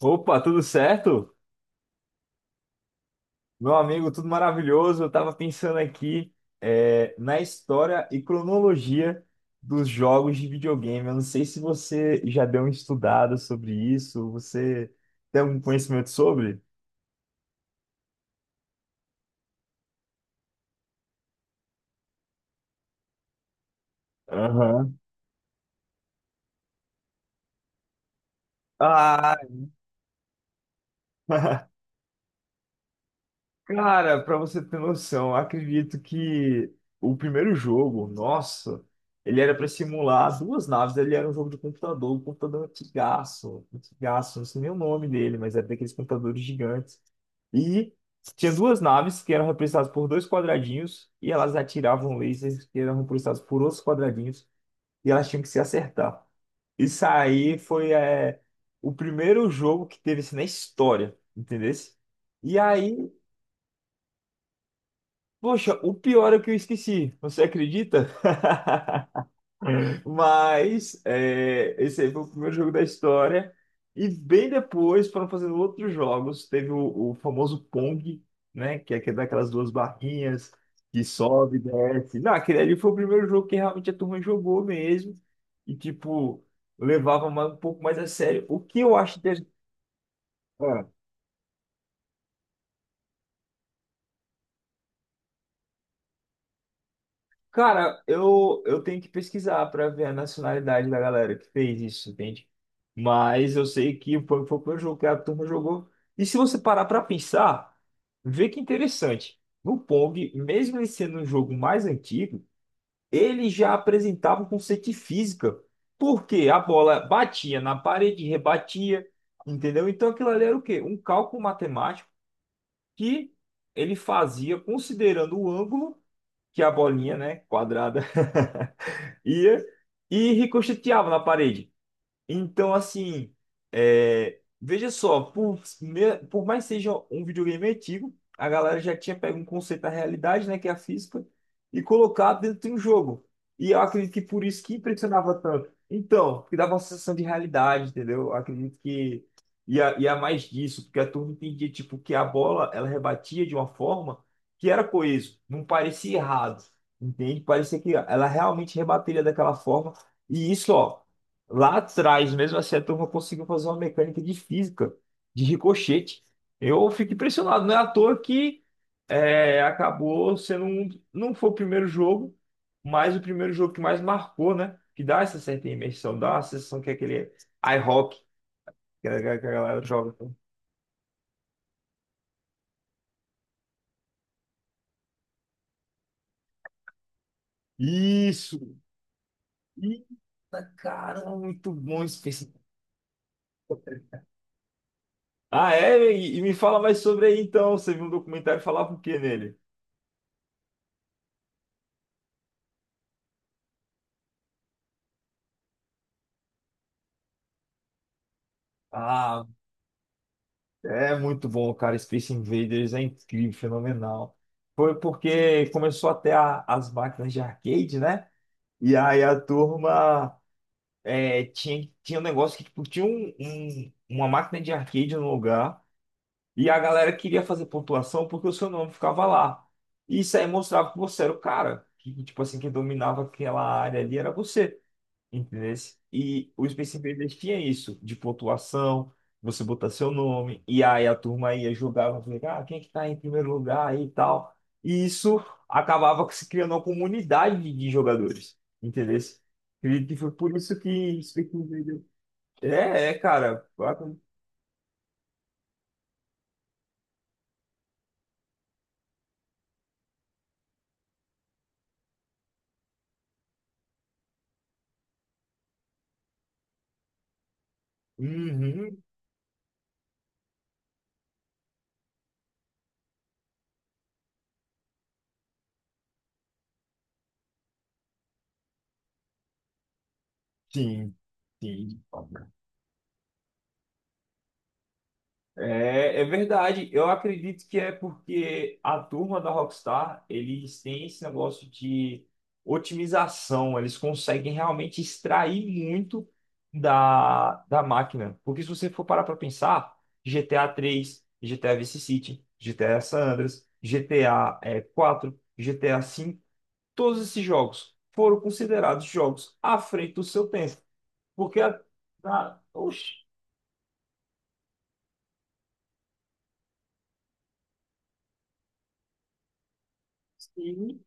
Opa, tudo certo? Meu amigo, tudo maravilhoso. Eu estava pensando aqui na história e cronologia dos jogos de videogame. Eu não sei se você já deu uma estudada sobre isso. Você tem algum conhecimento sobre? Aham. Ah. Cara, pra você ter noção, eu acredito que o primeiro jogo, nossa, ele era pra simular duas naves, ele era um jogo de computador, um computador antigaço, antigaço, não sei nem o nome dele, mas era daqueles computadores gigantes. E tinha duas naves que eram representadas por dois quadradinhos, e elas atiravam lasers que eram representados por outros quadradinhos, e elas tinham que se acertar. Isso aí foi o primeiro jogo que teve isso na história, entendeu? E aí... Poxa, o pior é que eu esqueci, você acredita? Mas esse aí foi o primeiro jogo da história. E bem depois foram fazendo outros jogos. Teve o famoso Pong, né? Que é aquele daquelas duas barrinhas que sobe, desce. Não, aquele ali foi o primeiro jogo que realmente a turma jogou mesmo. E, tipo, levava um pouco mais a sério. O que eu acho interessante. Cara, eu tenho que pesquisar para ver a nacionalidade da galera que fez isso, entende? Mas eu sei que foi o primeiro jogo que a turma jogou. E se você parar para pensar, vê que interessante. No Pong, mesmo ele sendo um jogo mais antigo, ele já apresentava o conceito de física. Porque a bola batia na parede, rebatia, entendeu? Então aquilo ali era o quê? Um cálculo matemático que ele fazia considerando o ângulo que a bolinha, né, quadrada. Ia e ricocheteava na parede. Então, assim, veja só, por mais que seja um videogame antigo, a galera já tinha pego um conceito da realidade, né, que é a física, e colocado dentro de um jogo. E eu acredito que por isso que impressionava tanto. Então, que dava uma sensação de realidade, entendeu? Eu acredito que ia mais disso, porque a turma entendia, tipo, que a bola, ela rebatia de uma forma que era coeso, não parecia errado, entende? Parecia que ela realmente rebateria daquela forma. E isso, ó. Lá atrás, mesmo assim, a turma conseguiu fazer uma mecânica de física, de ricochete. Eu fico impressionado, não é à toa que acabou sendo um, não foi o primeiro jogo, mas o primeiro jogo que mais marcou, né? Que dá essa certa imersão, dá a sensação que é aquele iHockey que a galera joga. Isso! Eita, cara, muito bom esse PC. Ah, é? E me fala mais sobre aí então. Você viu um documentário e falava o quê nele? Ah, é muito bom, cara. Space Invaders é incrível, fenomenal. Foi porque começou até as máquinas de arcade, né? E aí a turma tinha um negócio que tipo, tinha uma máquina de arcade no lugar e a galera queria fazer pontuação porque o seu nome ficava lá. E isso aí mostrava que você era o cara. Que, tipo assim, que dominava aquela área ali era você. Entendeu? E o Space Invaders tinha isso, de pontuação, você botar seu nome, e aí a turma ia jogava, ah, quem é que tá em primeiro lugar e tal. E isso acabava se criando uma comunidade de jogadores, entendeu? Acredito que foi por isso que Space Invaders... É, é, cara. Uhum, sim, sim. É, é verdade. Eu acredito que é porque a turma da Rockstar, eles têm esse negócio de otimização. Eles conseguem realmente extrair muito da máquina. Porque se você for parar para pensar, GTA 3, GTA Vice City, GTA San Andreas, GTA 4, GTA cinco, todos esses jogos foram considerados jogos à frente do seu tempo. Porque oxi, sim.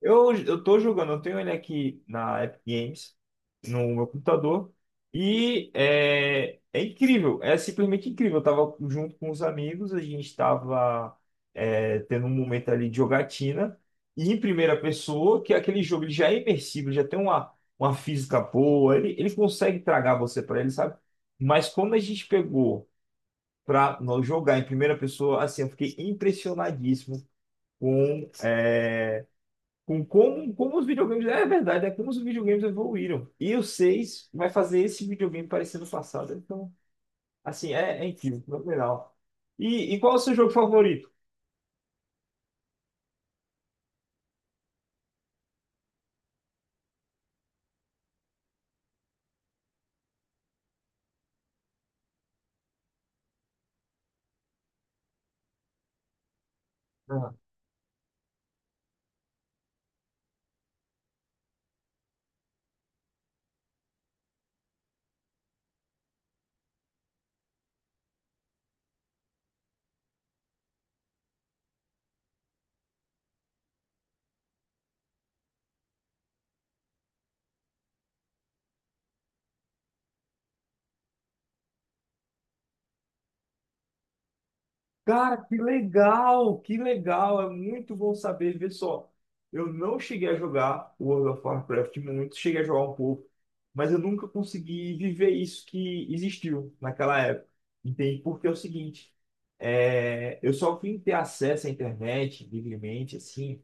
Eu tô jogando, eu tenho ele aqui na Epic Games, no meu computador, e é incrível, é simplesmente incrível. Eu tava junto com os amigos, a gente tava tendo um momento ali de jogatina, e em primeira pessoa, que é aquele jogo ele já é imersivo, já tem uma física boa, ele consegue tragar você pra ele, sabe? Mas quando a gente pegou pra nós jogar em primeira pessoa, assim, eu fiquei impressionadíssimo. Com como os videogames. É verdade, é como os videogames evoluíram. E o 6 vai fazer esse videogame parecer no passado. Então, assim, é incrível, fenomenal. E qual é o seu jogo favorito? Cara, que legal, é muito bom saber. Vê só, eu não cheguei a jogar World of Warcraft muito, cheguei a jogar um pouco, mas eu nunca consegui viver isso que existiu naquela época. Entende? Porque é o seguinte, eu só vim ter acesso à internet livremente, assim.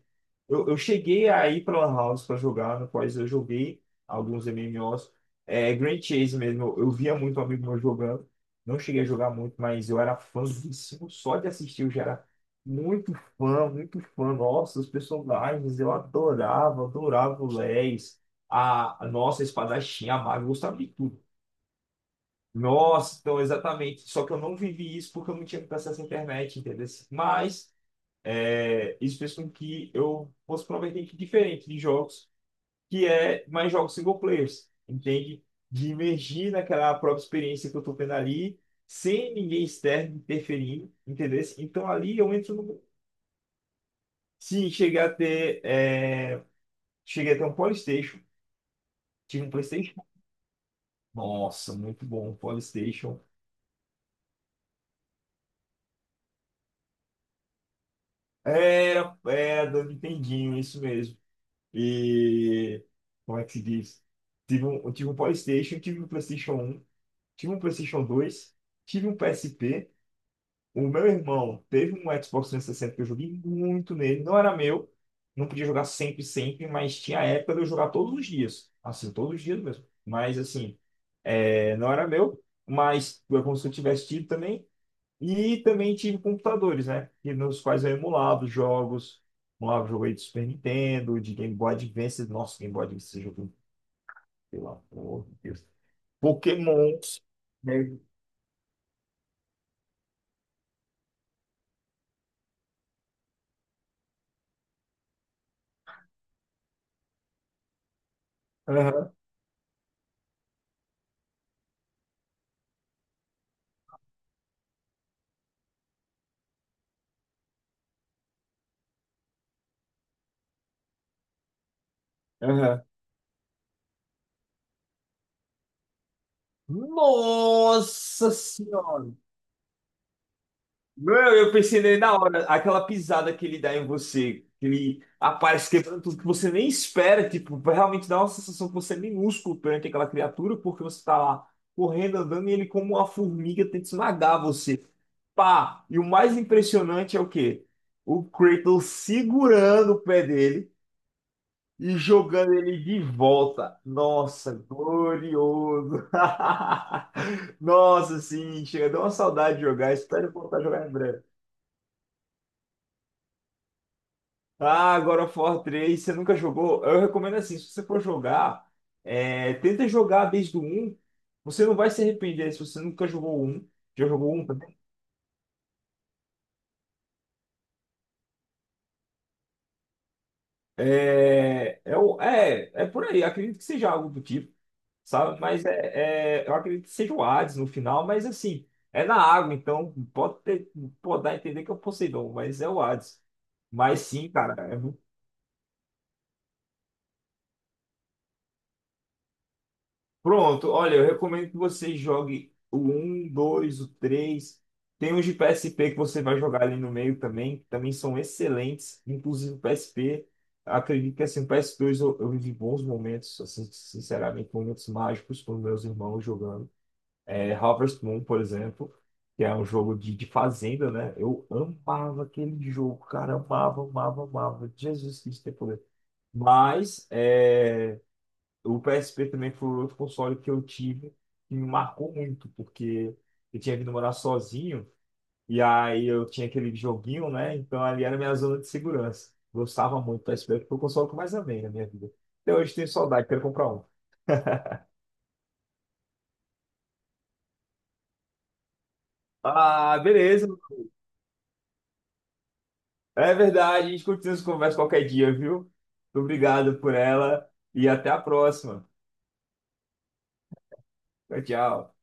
Eu cheguei a ir para Lan House para jogar, no qual eu joguei alguns MMOs. É, Grand Chase mesmo, eu via muito amigo meu jogando. Não cheguei a jogar muito, mas eu era fãzíssimo só de assistir. Eu já era muito fã, muito fã. Nossa, os personagens, eu adorava, adorava o Leis, a nossa espadachim, a maga, eu gostava de tudo. Nossa, então exatamente. Só que eu não vivi isso porque eu não tinha acesso à internet, entendeu? Mas isso fez com que eu fosse provavelmente diferente de jogos que é mais jogos single players, entende? De imergir naquela própria experiência que eu estou tendo ali, sem ninguém externo interferindo, entendeu? Então ali eu entro no... Se chegar a ter... cheguei a ter um PlayStation, tive um PlayStation. Nossa, muito bom, um PlayStation. Era, era do Nintendinho, isso mesmo. E... Como é que se diz? Eu tive um PlayStation 1, tive um PlayStation 2, tive um PSP. O meu irmão teve um Xbox 360 que eu joguei muito nele. Não era meu. Não podia jogar sempre, sempre, mas tinha a época de eu jogar todos os dias. Assim, todos os dias mesmo. Mas, assim, não era meu. Mas foi como se eu tivesse tido também. E também tive computadores, né? Que nos quais eu emulava os jogos. Emulava o jogo aí de Super Nintendo, de Game Boy Advance. Nossa, Game Boy Advance, esse jogo, pelo amor de Deus. Pokémon. Né? Aham, aham. Nossa Senhora! Meu, eu pensei nele na hora, aquela pisada que ele dá em você, que ele aparece quebrando tudo que você nem espera, tipo, realmente dá uma sensação que você é minúsculo perante aquela criatura, porque você tá lá correndo, andando, e ele como uma formiga tenta esmagar você. Pá! E o mais impressionante é o quê? O Kratos segurando o pé dele e jogando ele de volta. Nossa, glorioso! Nossa, sim, chega, deu uma saudade de jogar, espero voltar a jogar em breve. Ah, God of War 3, você nunca jogou? Eu recomendo assim, se você for jogar, tenta jogar desde o um. Você não vai se arrepender se você nunca jogou o 1. Já jogou o 1 também? É por aí, acredito que seja algo do tipo, sabe? Mas eu acredito que seja o Hades no final, mas assim, é na água, então pode dar a entender que é o Poseidon, mas é o Hades. Mas sim, cara. Pronto, olha, eu recomendo que você jogue o um, dois, o três. Tem uns de PSP que você vai jogar ali no meio também, que também são excelentes. Inclusive o PSP, acredito que assim, o PS2 eu vivi bons momentos, assim, sinceramente, momentos mágicos com meus irmãos jogando. É, Harvest Moon, por exemplo, que é um jogo de fazenda, né? Eu amava aquele jogo, cara, amava, amava, amava. Jesus Cristo tem poder. Mas, o PSP também foi outro console que eu tive que me marcou muito, porque eu tinha vindo morar sozinho e aí eu tinha aquele joguinho, né? Então ali era a minha zona de segurança. Gostava muito do PSP, porque foi o console que eu mais amei na minha vida. Até hoje tenho saudade, quero comprar um. Ah, beleza. É verdade, a gente continua essa conversa qualquer dia, viu? Muito obrigado por ela e até a próxima. Tchau, tchau.